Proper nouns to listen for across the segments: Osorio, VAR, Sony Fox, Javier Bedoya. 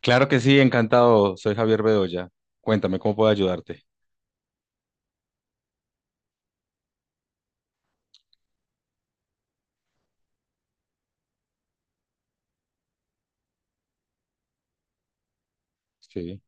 Claro que sí, encantado. Soy Javier Bedoya. Cuéntame cómo puedo ayudarte. Sí.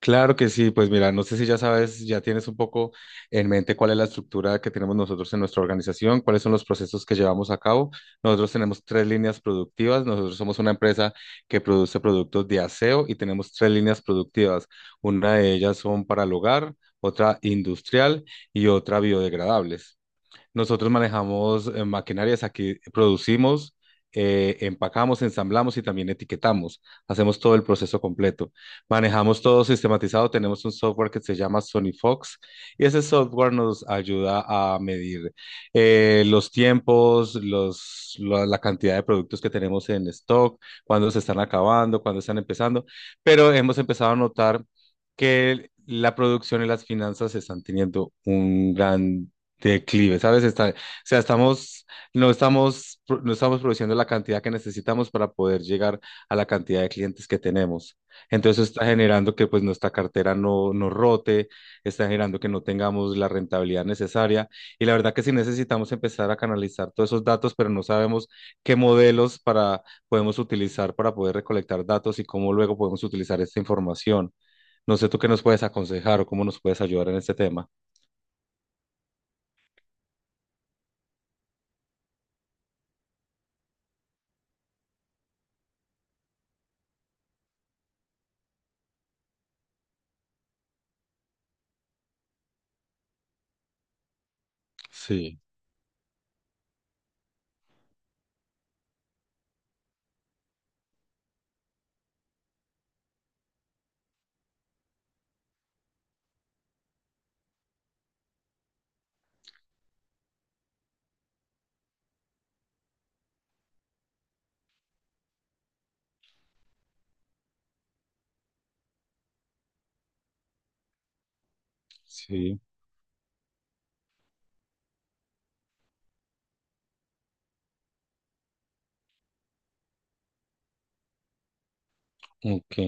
Claro que sí, pues mira, no sé si ya sabes, ya tienes un poco en mente cuál es la estructura que tenemos nosotros en nuestra organización, cuáles son los procesos que llevamos a cabo. Nosotros tenemos tres líneas productivas, nosotros somos una empresa que produce productos de aseo y tenemos tres líneas productivas. Una de ellas son para el hogar, otra industrial y otra biodegradables. Nosotros manejamos maquinarias, aquí producimos, empacamos, ensamblamos y también etiquetamos. Hacemos todo el proceso completo. Manejamos todo sistematizado. Tenemos un software que se llama Sony Fox y ese software nos ayuda a medir los tiempos, la cantidad de productos que tenemos en stock, cuándo se están acabando, cuándo están empezando. Pero hemos empezado a notar que la producción y las finanzas están teniendo un gran declive, ¿sabes? Está, o sea, estamos, no estamos, no estamos produciendo la cantidad que necesitamos para poder llegar a la cantidad de clientes que tenemos. Entonces eso está generando que pues nuestra cartera no rote, está generando que no tengamos la rentabilidad necesaria. Y la verdad que sí necesitamos empezar a canalizar todos esos datos, pero no sabemos qué modelos para, podemos utilizar para poder recolectar datos y cómo luego podemos utilizar esta información. No sé tú qué nos puedes aconsejar o cómo nos puedes ayudar en este tema. Sí, sí. Ok,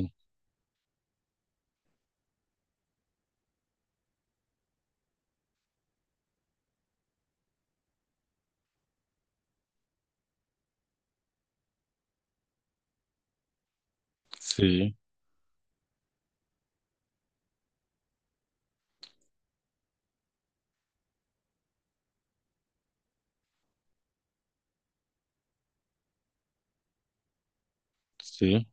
sí, sí,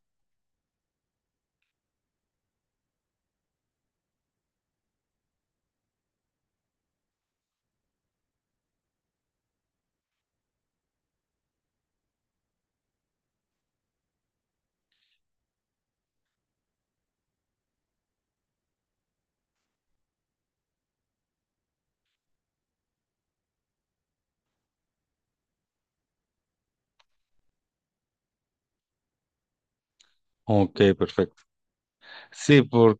ok, perfecto. Sí,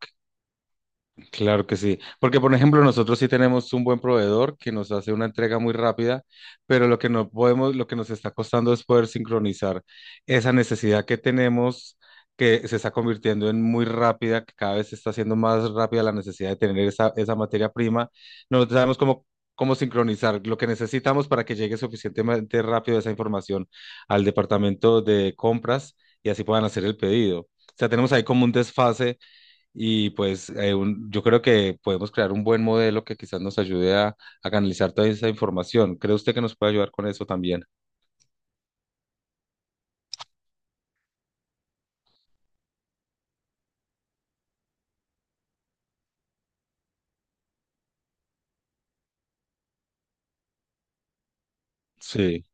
claro que sí, porque por ejemplo nosotros sí tenemos un buen proveedor que nos hace una entrega muy rápida, pero lo que no podemos, lo que nos está costando es poder sincronizar esa necesidad que tenemos, que se está convirtiendo en muy rápida, que cada vez se está haciendo más rápida la necesidad de tener esa, esa materia prima. No sabemos cómo, cómo sincronizar lo que necesitamos para que llegue suficientemente rápido esa información al departamento de compras y así puedan hacer el pedido. O sea, tenemos ahí como un desfase y pues yo creo que podemos crear un buen modelo que quizás nos ayude a canalizar toda esa información. ¿Cree usted que nos puede ayudar con eso también? Sí,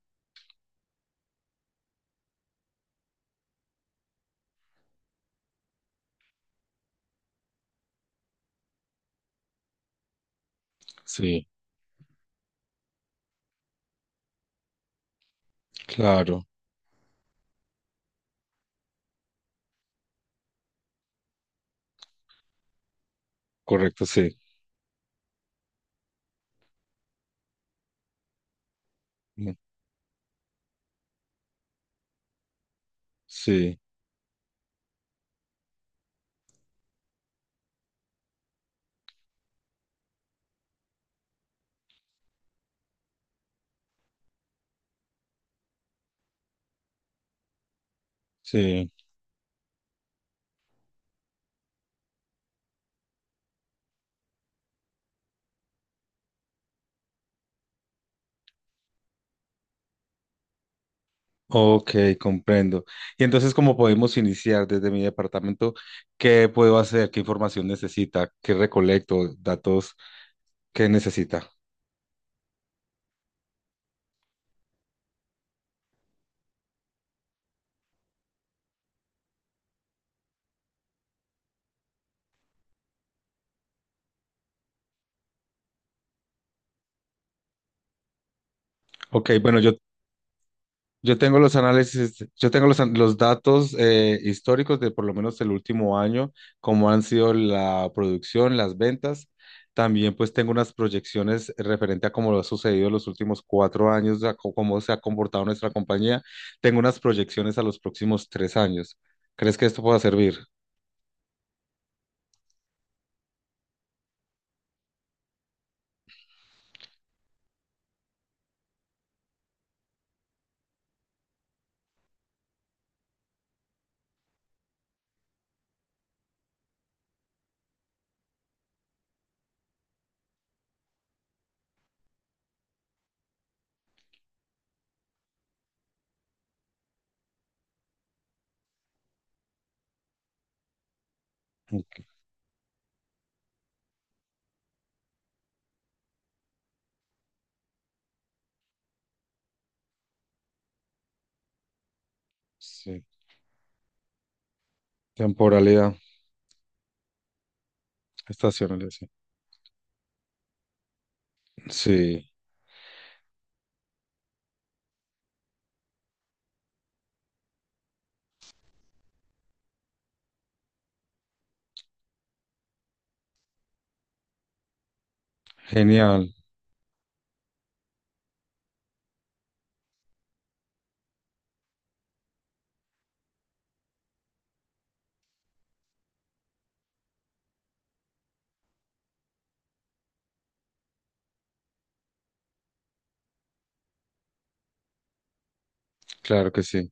sí, claro, correcto, sí. Mm. Sí, sí. Ok, comprendo. Y entonces, ¿cómo podemos iniciar desde mi departamento? ¿Qué puedo hacer? ¿Qué información necesita? ¿Qué recolecto? ¿Datos? ¿Qué necesita? Ok, bueno, yo yo tengo los análisis, yo tengo los, los datos históricos de por lo menos el último año, cómo han sido la producción, las ventas. También pues tengo unas proyecciones referente a cómo lo ha sucedido en los últimos 4 años, a cómo se ha comportado nuestra compañía. Tengo unas proyecciones a los próximos 3 años. ¿Crees que esto pueda servir? Ok. Sí. Temporalidad, estacionalidad. Sí. Sí, genial, claro que sí.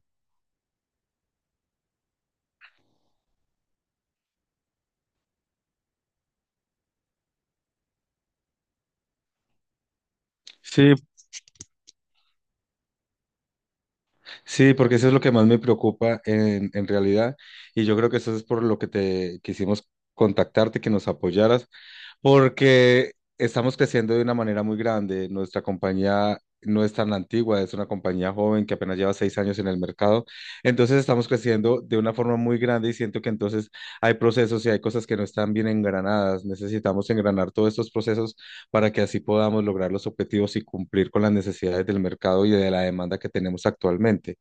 Sí. Sí, porque eso es lo que más me preocupa en realidad. Y yo creo que eso es por lo que te quisimos contactarte, que nos apoyaras, porque estamos creciendo de una manera muy grande. Nuestra compañía no es tan antigua, es una compañía joven que apenas lleva 6 años en el mercado. Entonces estamos creciendo de una forma muy grande y siento que entonces hay procesos y hay cosas que no están bien engranadas. Necesitamos engranar todos estos procesos para que así podamos lograr los objetivos y cumplir con las necesidades del mercado y de la demanda que tenemos actualmente.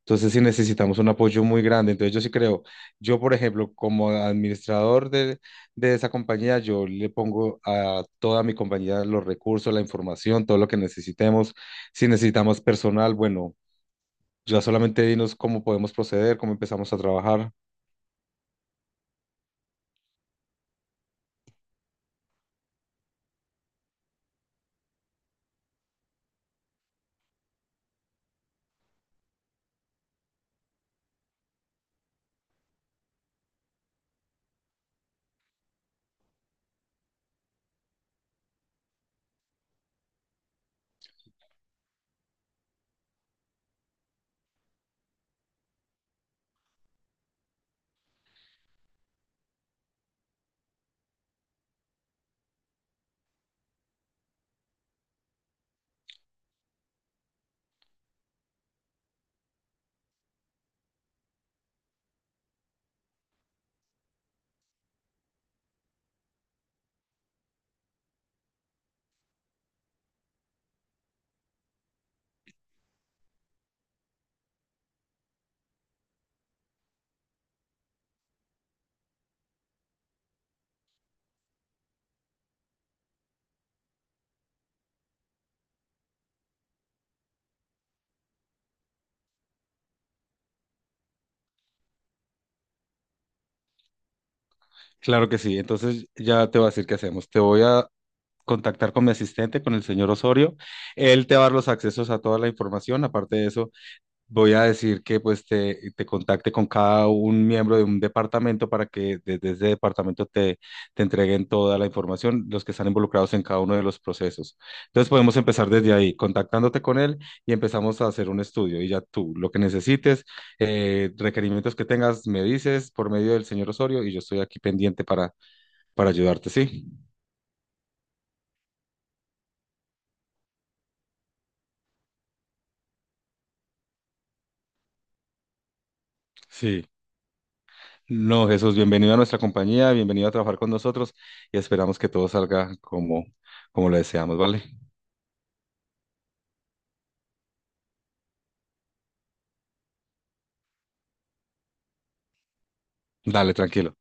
Entonces sí necesitamos un apoyo muy grande. Entonces yo sí creo, yo por ejemplo, como administrador de esa compañía, yo le pongo a toda mi compañía los recursos, la información, todo lo que necesitemos. Si necesitamos personal, bueno, ya solamente dinos cómo podemos proceder, cómo empezamos a trabajar. Claro que sí. Entonces ya te voy a decir qué hacemos. Te voy a contactar con mi asistente, con el señor Osorio. Él te va a dar los accesos a toda la información. Aparte de eso, voy a decir que pues te contacte con cada un miembro de un departamento para que desde ese departamento te entreguen toda la información, los que están involucrados en cada uno de los procesos. Entonces podemos empezar desde ahí, contactándote con él y empezamos a hacer un estudio. Y ya tú, lo que necesites, requerimientos que tengas, me dices por medio del señor Osorio y yo estoy aquí pendiente para, ayudarte, ¿sí? Sí. No, Jesús, bienvenido a nuestra compañía, bienvenido a trabajar con nosotros y esperamos que todo salga como, como lo deseamos, ¿vale? Dale, tranquilo.